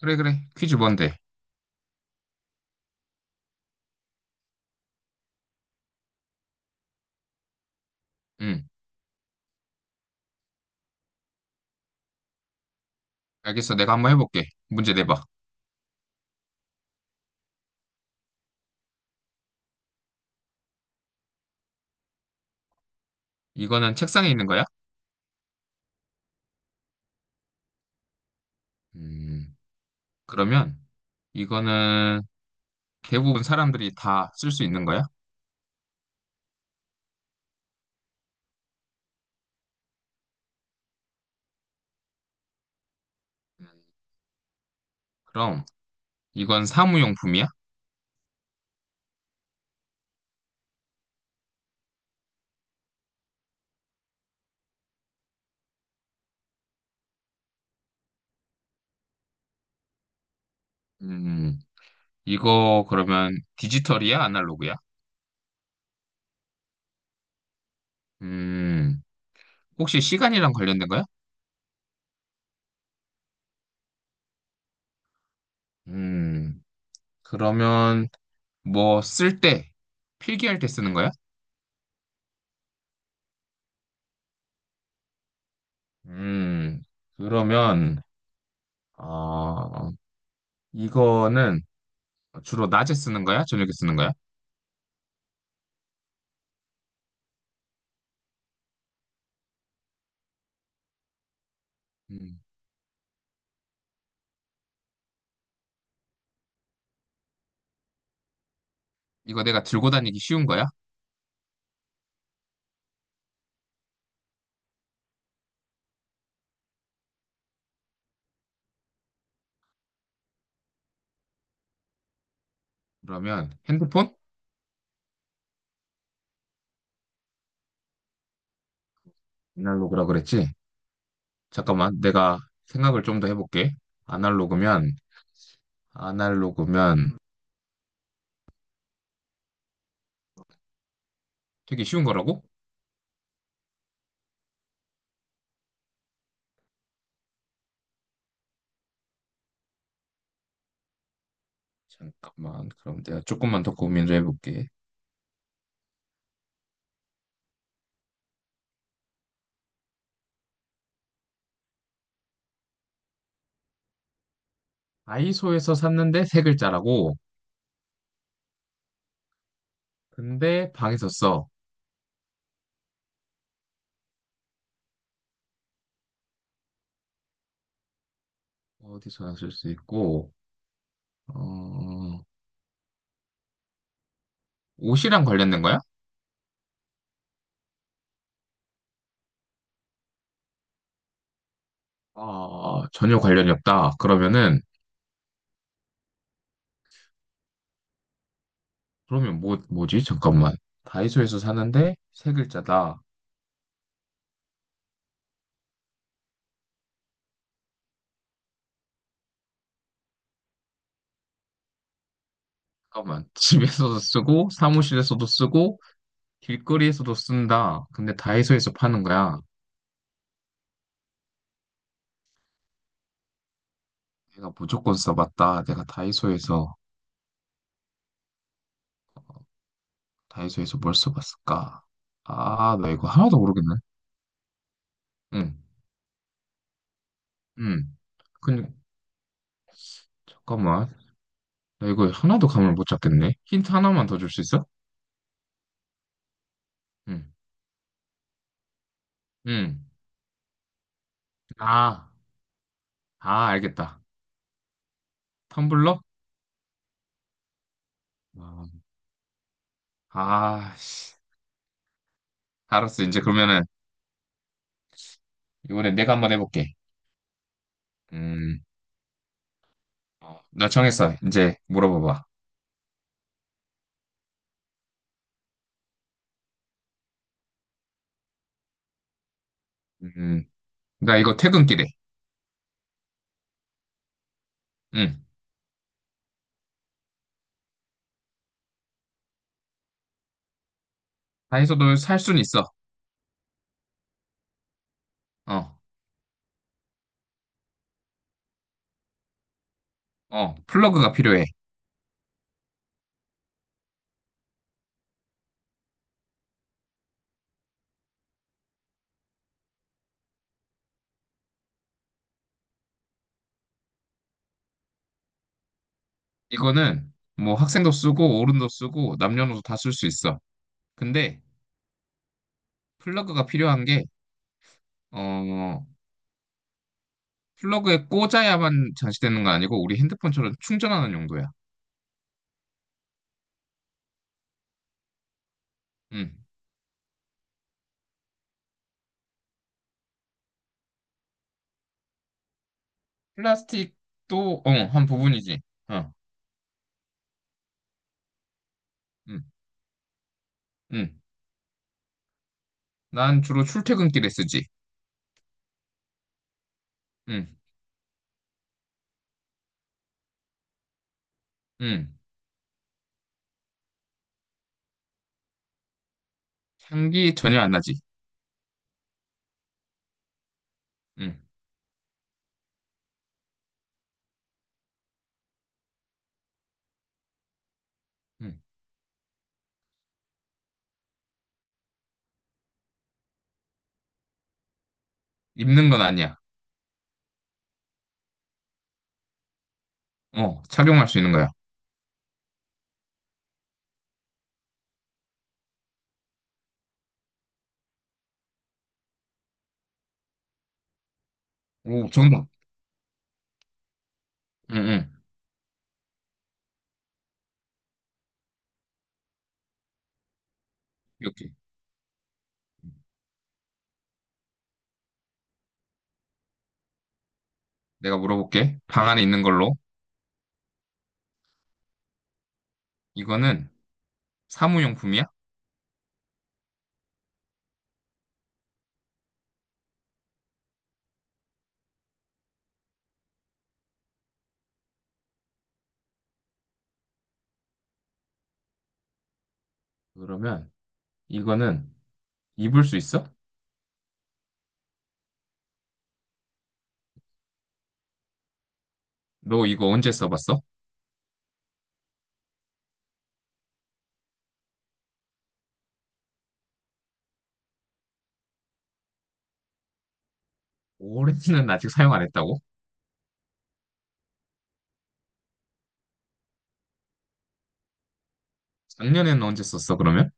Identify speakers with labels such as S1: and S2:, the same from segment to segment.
S1: 그래, 그래. 퀴즈 뭔데? 응, 알겠어. 내가 한번 해볼게. 문제 내봐. 이거는 책상에 있는 거야? 음, 그러면 이거는 대부분 사람들이 다 쓸 수 있는 거야? 그럼 이건 사무용품이야? 음, 이거 그러면 디지털이야? 아날로그야? 음, 혹시 시간이랑 관련된 거야? 음, 그러면 뭐 쓸 때, 필기할 때 쓰는 거야? 음, 그러면, 어, 이거는 주로 낮에 쓰는 거야? 저녁에 쓰는 거야? 음, 이거 내가 들고 다니기 쉬운 거야? 그러면 핸드폰? 아날로그라 그랬지? 잠깐만, 내가 생각을 좀 더 해볼게. 아날로그면, 아날로그면, 되게 쉬운 거라고? 잠깐만, 그럼 내가 조금만 더 고민 좀 해볼게. 다이소에서 샀는데 세 글자라고? 근데 방에서 써. 어디서나 쓸 수 있고, 어, 옷이랑 관련된 거야? 아, 전혀 관련이 없다. 그러면은 그러면 뭐, 뭐지? 잠깐만. 다이소에서 사는데 세 글자다. 잠깐만. 집에서도 쓰고, 사무실에서도 쓰고, 길거리에서도 쓴다. 근데 다이소에서 파는 거야. 내가 무조건 써봤다. 다이소에서 뭘 써봤을까? 아, 나 이거 하나도 모르겠네. 응, 응. 근데, 잠깐만. 나 이거 하나도 감을 못 잡겠네. 힌트 하나만 더 줄 수 있어? 응, 응. 아, 아, 알겠다. 텀블러? 아, 아, 씨. 알았어. 이제 그러면은 이번에 내가 한번 해볼게. 음, 나 정했어. 이제 물어봐봐. 음, 나 이거 퇴근길에. 음, 다이소도 살 순 있어. 어, 플러그가 필요해. 이거는 뭐 학생도 쓰고 어른도 쓰고 남녀노소 다 쓸 수 있어. 근데 플러그가 필요한 게, 어, 플러그에 꽂아야만 장치되는 거 아니고 우리 핸드폰처럼 충전하는 용도야. 음, 플라스틱도 한 부분이지. 어, 음, 음. 난 주로 출퇴근길에 쓰지. 음, 음. 향기 전혀 안 나지. 응, 응. 입는 건 아니야. 어, 착용할 수 있는 거야. 오, 정답. 응, 응. 이렇게. 내가 물어볼게. 방 안에 있는 걸로. 이거는 사무용품이야? 그러면 이거는 입을 수 있어? 너 이거 언제 써봤어? 올해는 아직 사용 안 했다고? 작년에는 언제 썼어, 그러면?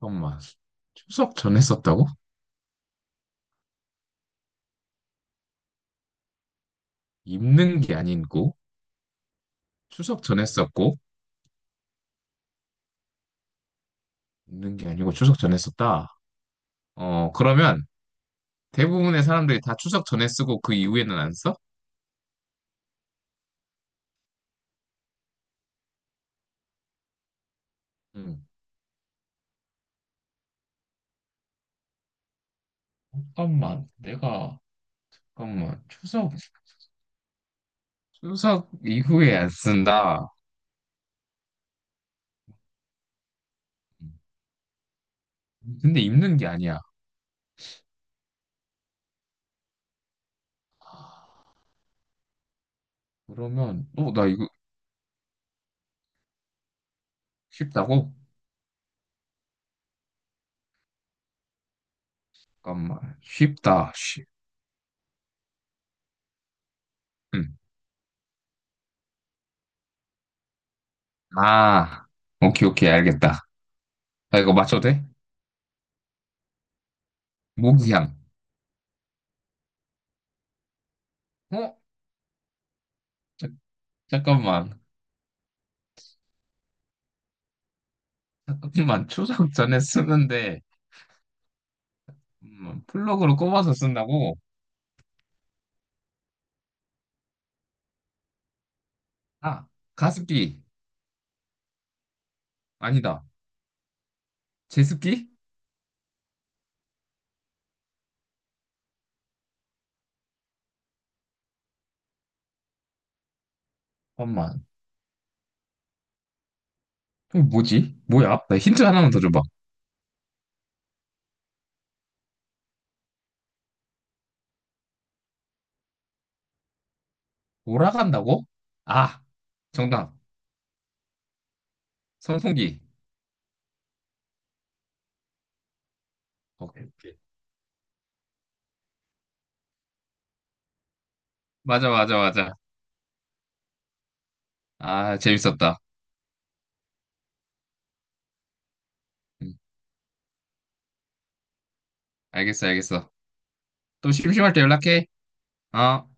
S1: 잠깐만. 추석 전에 썼다고? 입는 게 아니고, 추석 전에 썼고, 입는 게 아니고 추석 전에 썼다. 어, 그러면 대부분의 사람들이 다 추석 전에 쓰고 그 이후에는 안 써? 음, 잠깐만, 내가, 잠깐만, 추석 이후에 안 쓴다. 근데 입는 게 아니야. 그러면, 나 이거 쉽다고? 잠깐만, 쉽다, 쉽. 음. 아, 오케이, 오케이, 알겠다. 나 이거 맞춰도 돼? 모기향. 어? 자, 잠깐만, 잠깐만, 추석 전에 쓰는데, 플러그로 꼽아서 쓴다고? 아, 가습기. 아니다. 제습기? 잠깐만, 이거 뭐지? 뭐야? 나 힌트 하나만 더 줘봐. 돌아간다고? 아, 정답. 선풍기. 오케이, 오케이. 맞아, 맞아, 맞아. 아, 재밌었다. 음, 알겠어, 알겠어. 또 심심할 때 연락해. 어.